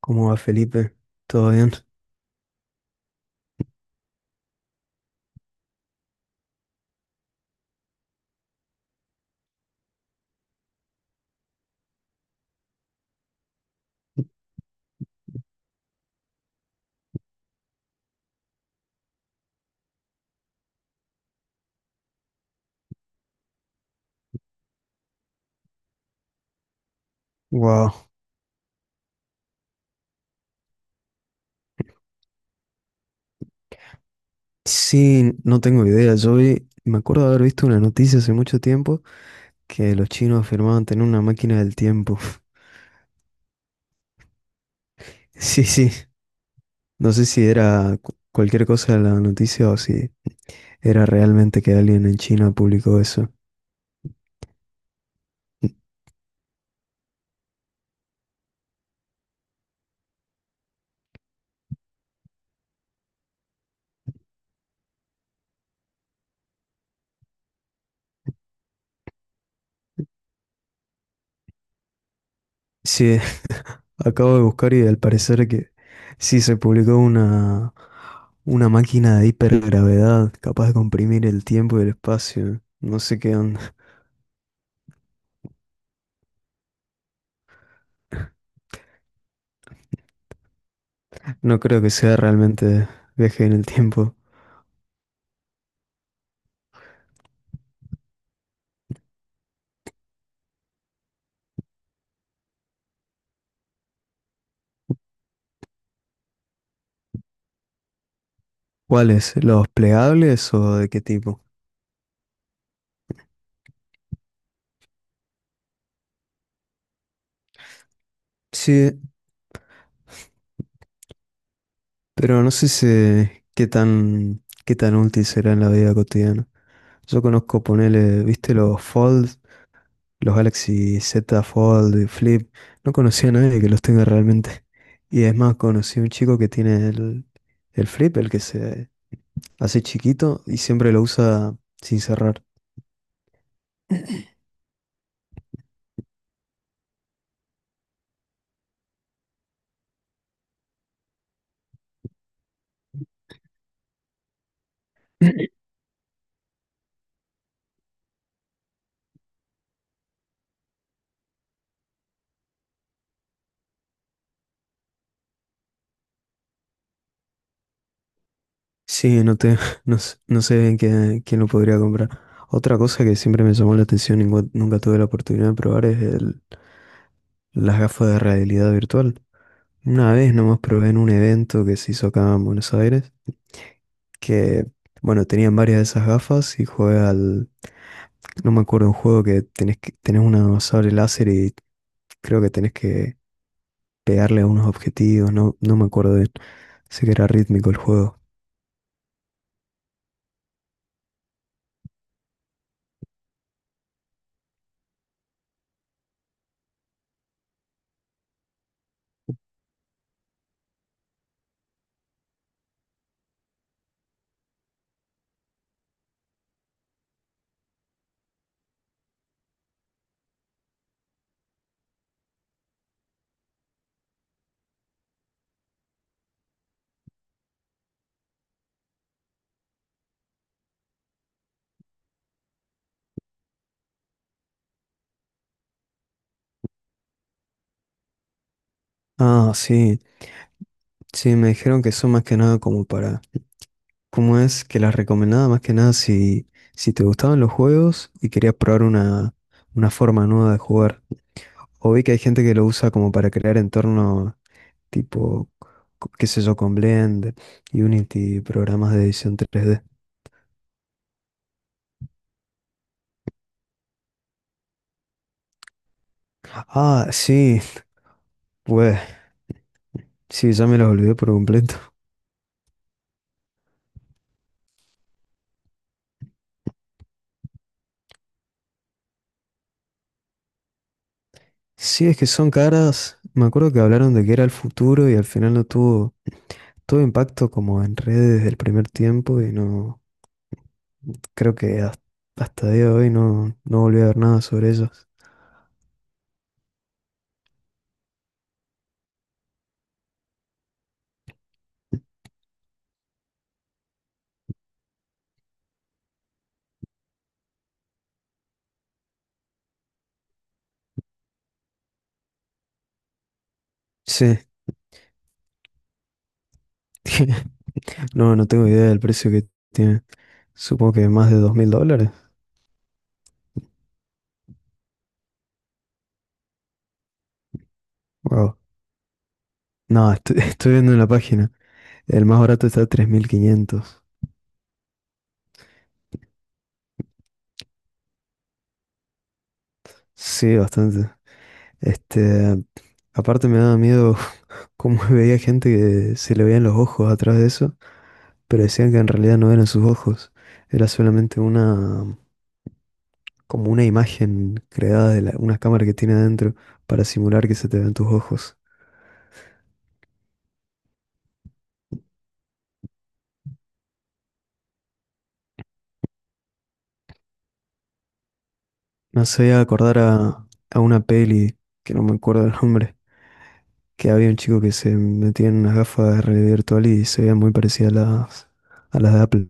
¿Cómo va, Felipe? ¿Todo bien? Wow. Sí, no tengo idea. Yo vi, me acuerdo de haber visto una noticia hace mucho tiempo que los chinos afirmaban tener una máquina del tiempo. Sí, sí. No sé si era cualquier cosa de la noticia o si era realmente que alguien en China publicó eso. Sí, acabo de buscar y al parecer que sí se publicó una máquina de hipergravedad capaz de comprimir el tiempo y el espacio. No sé qué onda. No creo que sea realmente viaje en el tiempo. ¿Cuáles? ¿Los plegables o de qué tipo? Sí, pero no sé qué tan útil será en la vida cotidiana. Yo conozco, ponele, ¿viste los Fold? Los Galaxy Z Fold y Flip. No conocía a nadie que los tenga realmente. Y es más, conocí a un chico que tiene el Flip, el que se hace chiquito y siempre lo usa sin cerrar. Sí, no te, no sé bien quién, quién lo podría comprar. Otra cosa que siempre me llamó la atención y nunca nunca tuve la oportunidad de probar es las gafas de realidad virtual. Una vez nomás probé en un evento que se hizo acá en Buenos Aires, que, bueno, tenían varias de esas gafas y jugué no me acuerdo, un juego que tenés una sable láser y creo que tenés que pegarle a unos objetivos, no, no me acuerdo bien. Sé que era rítmico el juego. Ah, sí, sí, me dijeron que son más que nada como para… ¿Cómo es que las recomendaba más que nada si, si te gustaban los juegos y querías probar una forma nueva de jugar? O vi que hay gente que lo usa como para crear entornos tipo, qué sé yo, con Blender, Unity, programas de edición 3D. Ah, sí, pues sí, ya me los olvidé por completo. Sí, es que son caras. Me acuerdo que hablaron de que era el futuro y al final no tuvo todo impacto como en redes del primer tiempo y no. Creo que hasta día de hoy no, no volví a ver nada sobre ellos. Sí, no, no tengo idea del precio que tiene. Supongo que más de $2,000. Wow. No, estoy, estoy viendo en la página. El más barato está a 3,500. Sí, bastante. Este, aparte me daba miedo cómo veía gente que se le veían los ojos atrás de eso, pero decían que en realidad no eran sus ojos. Era solamente una, como una imagen creada de una cámara que tiene adentro para simular que se te ven tus ojos. Me hacía acordar a una peli, que no me acuerdo el nombre, que había un chico que se metía en unas gafas de realidad virtual y se veía muy parecida a las de Apple.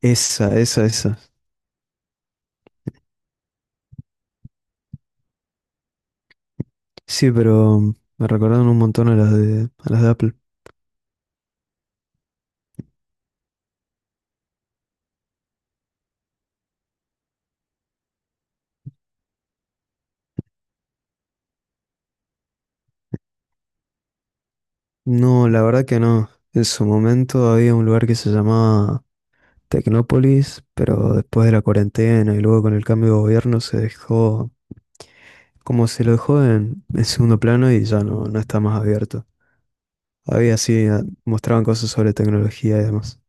Esa, esa, esa. Sí, pero me recordaron un montón a las de Apple. No, la verdad que no. En su momento había un lugar que se llamaba Tecnópolis, pero después de la cuarentena y luego con el cambio de gobierno se dejó. Como se lo dejó en segundo plano y ya no, no está más abierto. Había sí, mostraban cosas sobre tecnología y demás.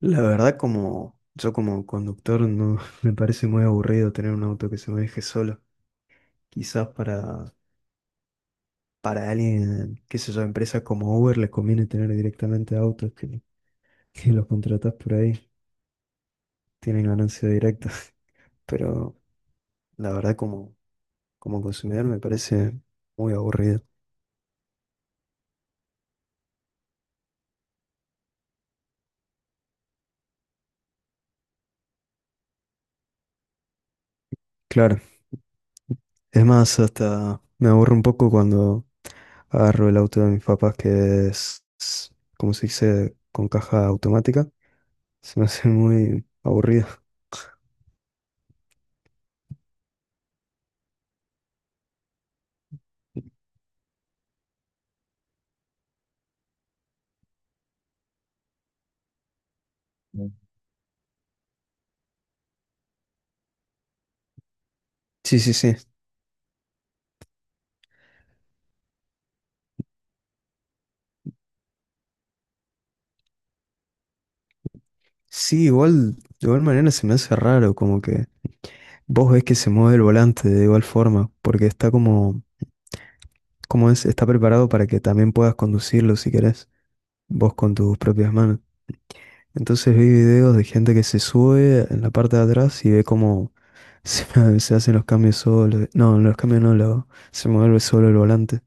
La verdad, como yo como conductor, no me parece muy aburrido tener un auto que se maneje solo. Quizás para alguien, qué sé yo, empresas como Uber les conviene tener directamente autos que los contratás por ahí, tienen ganancia directa. Pero la verdad, como, como consumidor, me parece muy aburrido. Claro. Es más, hasta me aburro un poco cuando agarro el auto de mis papás, que es, como se dice, con caja automática. Se me hace muy aburrido. Mm. Sí, sí, sí. Sí, igual, de igual manera se me hace raro, como que vos ves que se mueve el volante de igual forma, porque está como, como es, está preparado para que también puedas conducirlo si querés, vos con tus propias manos. Entonces vi videos de gente que se sube en la parte de atrás y ve cómo se, se hacen los cambios solo. No, los cambios no, lo, se mueve solo el volante.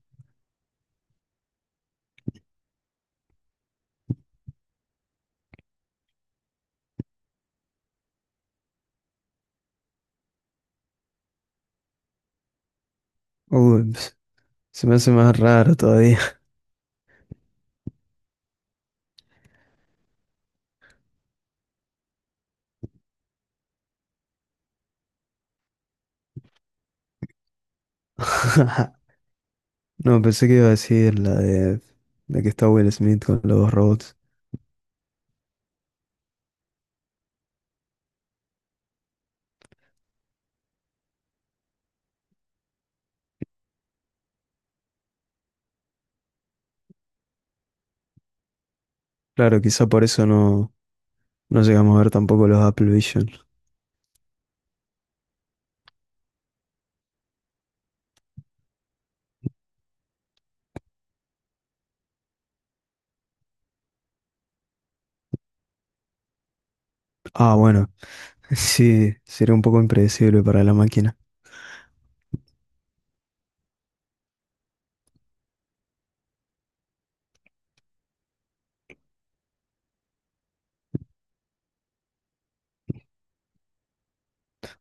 Uy, ps, se me hace más raro todavía. No, pensé que iba a decir la de, la que está Will Smith con los dos robots. Claro, quizá por eso no, no llegamos a ver tampoco los Apple Vision. Ah, bueno, sí, sería un poco impredecible para la máquina.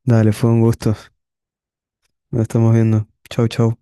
Dale, fue un gusto. Nos estamos viendo. Chau, chau.